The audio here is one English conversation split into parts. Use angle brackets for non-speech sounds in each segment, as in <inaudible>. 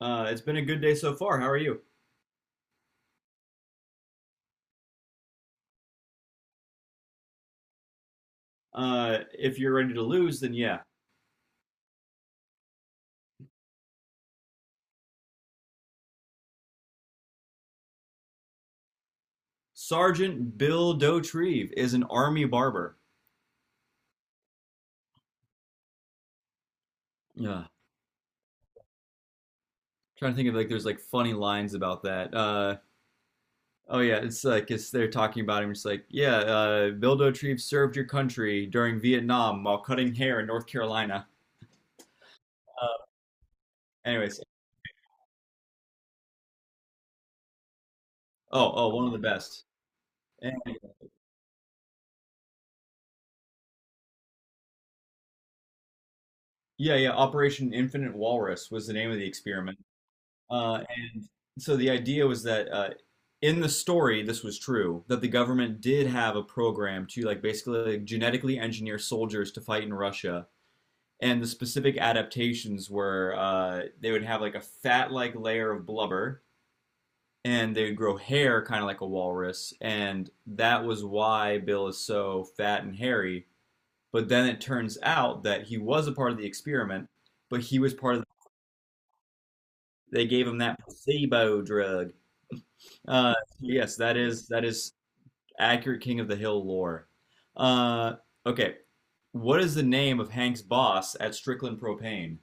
It's been a good day so far. How are you? If you're ready to lose, then yeah. Sergeant Bill Dotrieve is an army barber. Yeah. Trying to think of like there's like funny lines about that. Oh yeah, it's like it's they're talking about him. It's like yeah, Bill Dotrieve served your country during Vietnam while cutting hair in North Carolina. Uh, anyways, oh, one of the best. And, yeah, Operation Infinite Walrus was the name of the experiment. Uh, and so the idea was that in the story, this was true, that the government did have a program to like basically like, genetically engineer soldiers to fight in Russia. And the specific adaptations were they would have like a fat-like layer of blubber, and they would grow hair kind of like a walrus, and that was why Bill is so fat and hairy. But then it turns out that he was a part of the experiment, but he was part of, they gave him that placebo drug. Uh, yes, that is accurate King of the Hill lore. Uh, okay, what is the name of Hank's boss at Strickland Propane?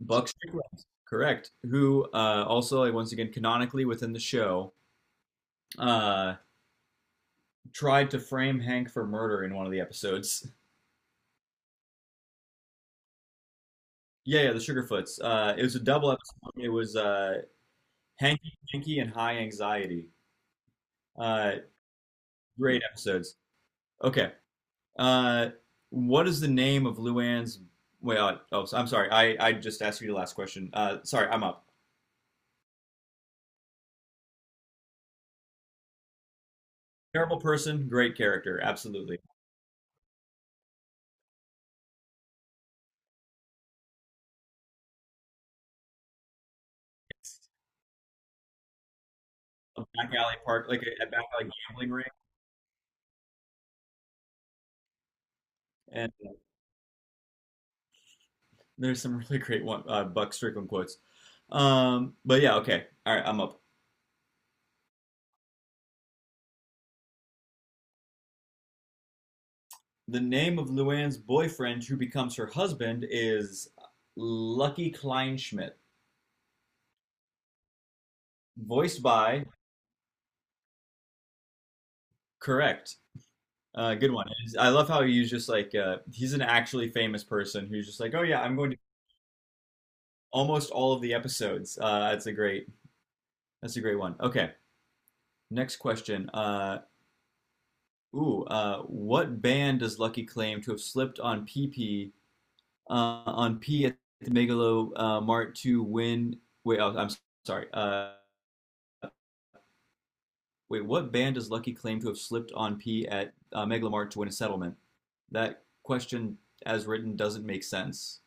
Buck Strickland, correct. Who also, like, once again, canonically within the show, uh, tried to frame Hank for murder in one of the episodes. Yeah, yeah, the Sugarfoots. It was a double episode. It was Hanky, Hanky, and High Anxiety. Uh, great episodes. Okay, Uh, what is the name of Luann's? Wait, oh, so- I'm sorry. I just asked you the last question. Sorry, I'm up. Terrible person, great character, absolutely. It's a back alley park, like a back alley gambling ring, and there's some <laughs> really great one, Buck Strickland quotes. But yeah, okay, all right, I'm up. The name of Luann's boyfriend, who becomes her husband, is Lucky Kleinschmidt, voiced by, correct. Good one. It is- I love how he's just like he's an actually famous person who's just like, oh yeah, I'm going to almost all of the episodes. That's a great one. Okay, next question. Ooh, what band does Lucky claim to have slipped on PP on P at the Megalo Mart to win? Wait, oh, I'm sorry. Wait, what band does Lucky claim to have slipped on P at Megalo Mart to win a settlement? That question, as written, doesn't make sense.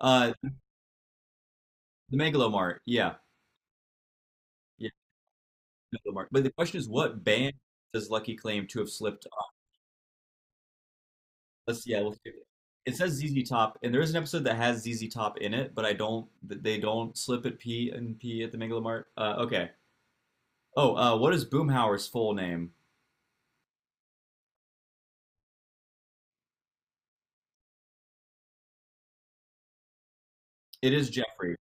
Uh, the Megalomart, yeah. Yeah, no, mark. But the question is, what band does Lucky claim to have slipped on? Let's yeah, let's do it. It says ZZ Top, and there is an episode that has ZZ Top in it, but I don't. Th- They don't slip at P and P at the Megalomart. Okay. Oh, what is Boomhauer's full name? It is Jeffrey,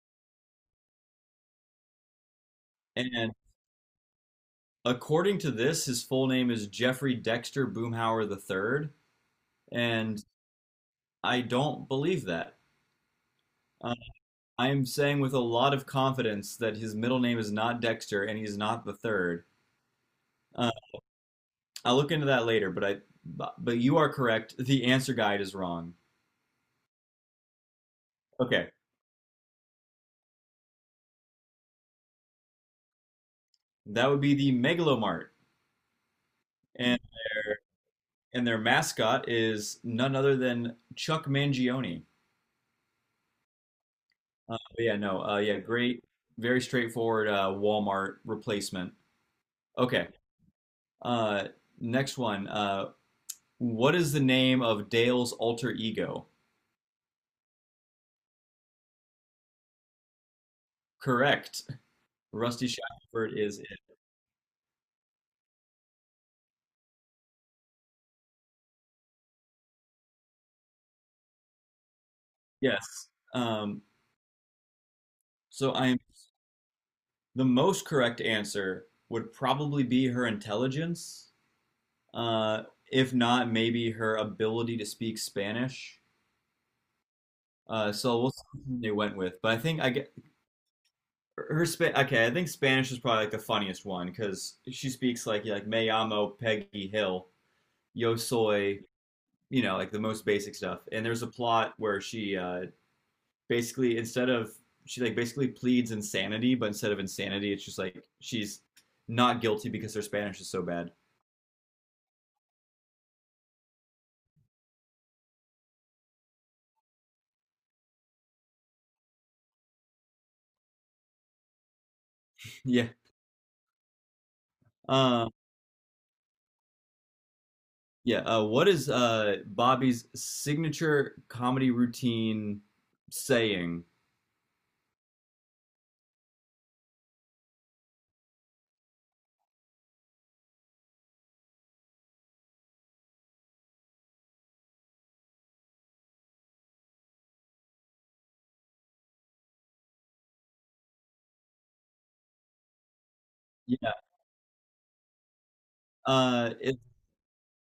and according to this, his full name is Jeffrey Dexter Boomhauer the Third, and I don't believe that. Uh, I am saying with a lot of confidence that his middle name is not Dexter and he's not the third. Uh, I'll look into that later, but you are correct. The answer guide is wrong. Okay, that would be the Megalomart, and their mascot is none other than Chuck Mangione. But yeah, no, yeah, great, very straightforward Walmart replacement. Okay, uh, next one. What is the name of Dale's alter ego? Correct. Rusty Shackford is it. Yes. Um, so I the most correct answer would probably be her intelligence. Uh, if not, maybe her ability to speak Spanish. So we'll see what they went with. But I think I get her Spa okay, I think Spanish is probably like the funniest one because she speaks like me llamo Peggy Hill, yo soy, you know, like the most basic stuff. And there's a plot where she basically instead of she like basically pleads insanity, but instead of insanity, it's just like she's not guilty because her Spanish is so bad. <laughs> Yeah, Uh, yeah. What is Bobby's signature comedy routine saying? Yeah. Uh, it,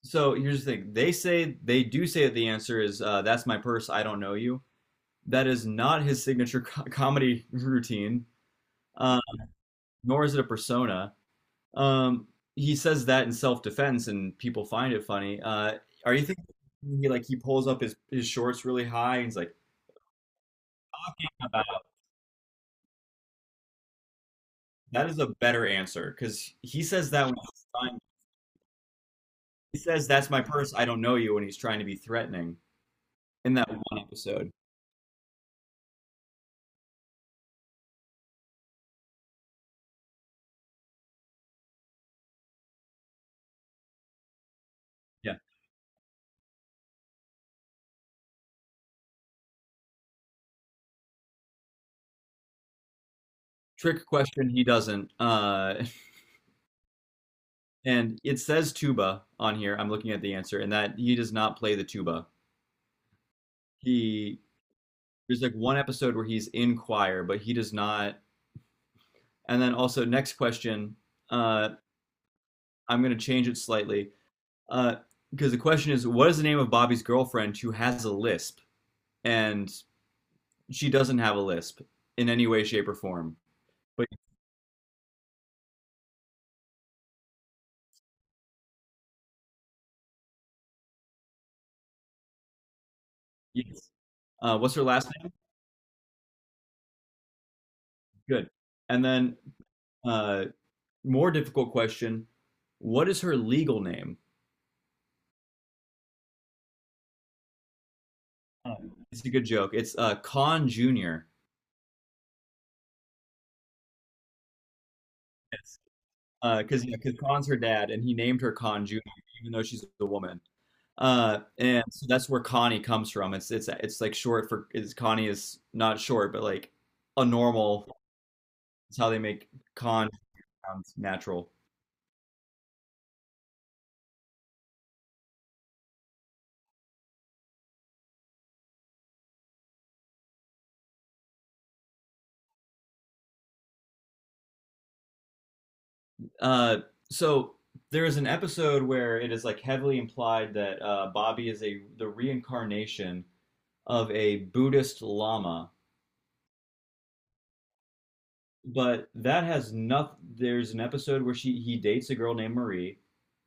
so here's the thing. They do say that the answer is "That's my purse. I don't know you." That is not his signature co comedy <laughs> routine, uh, nor is it a persona. Um, he says that in self-defense, and people find it funny. Are you thinking he like he pulls up his shorts really high and he's like, "That is a better answer," because He says, That's my purse. I don't know you when he's trying to be threatening in that one episode. Yeah. Trick question, he doesn't. <laughs> And it says tuba on here. I'm looking at the answer, and that he does not play the tuba. He There's like one episode where he's in choir, but he does not. And then also next question, uh, I'm gonna change it slightly because the question is, what is the name of Bobby's girlfriend who has a lisp, and she doesn't have a lisp in any way, shape, or form, but yes. What's her last name? Good. And then, uh, more difficult question: what is her legal name? Uh, it's a good joke. It's Khan Junior. Yes. Because Khan's her dad, and he named her Khan Junior, even though she's a woman. And so that's where Connie comes from. It's like short for is Connie is not short, but like a normal. It's how they make Khan sound natural. Uh, so there is an episode where it is like heavily implied that Bobby is a the reincarnation of a Buddhist lama, but that has nothing. There's an episode where she he dates a girl named Marie.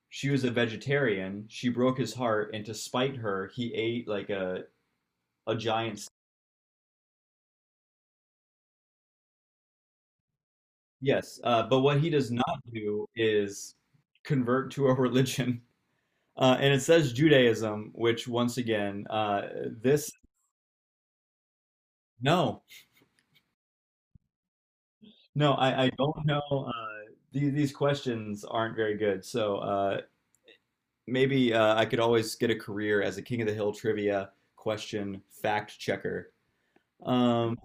She was a vegetarian. She broke his heart, and to spite her, he ate like a giant. Yes, but what he does not do is convert to a <laughs> religion. And it says Judaism, which once again, this no, no, I don't know. These questions aren't very good. So maybe I could always get a career as a King of the Hill trivia question fact checker. Um,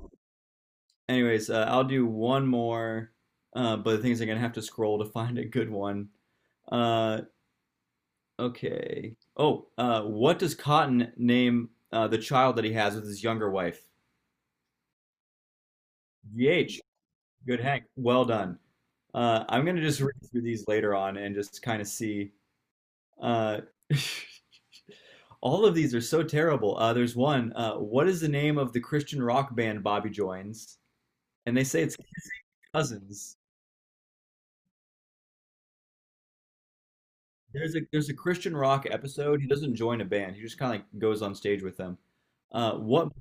anyways, I'll do one more, but the things I'm gonna have to scroll to <laughs> find a good one. Uh, okay. Oh, what does Cotton name the child that he has with his younger wife? GH. Good Hank. Well done. I'm gonna just read through these later on and just kind of see. Uh, <laughs> all of these are so terrible. There's one. What is the name of the Christian rock band Bobby joins? And they say it's Cousins. There's a Christian rock episode. He doesn't join a band. He just kind of like goes on stage with them. Uh, what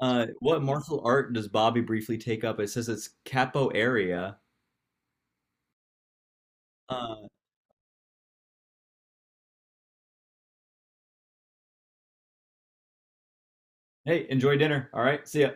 uh, what martial art does Bobby briefly take up? It says it's capoeira. Uh, hey, enjoy dinner. All right, see ya.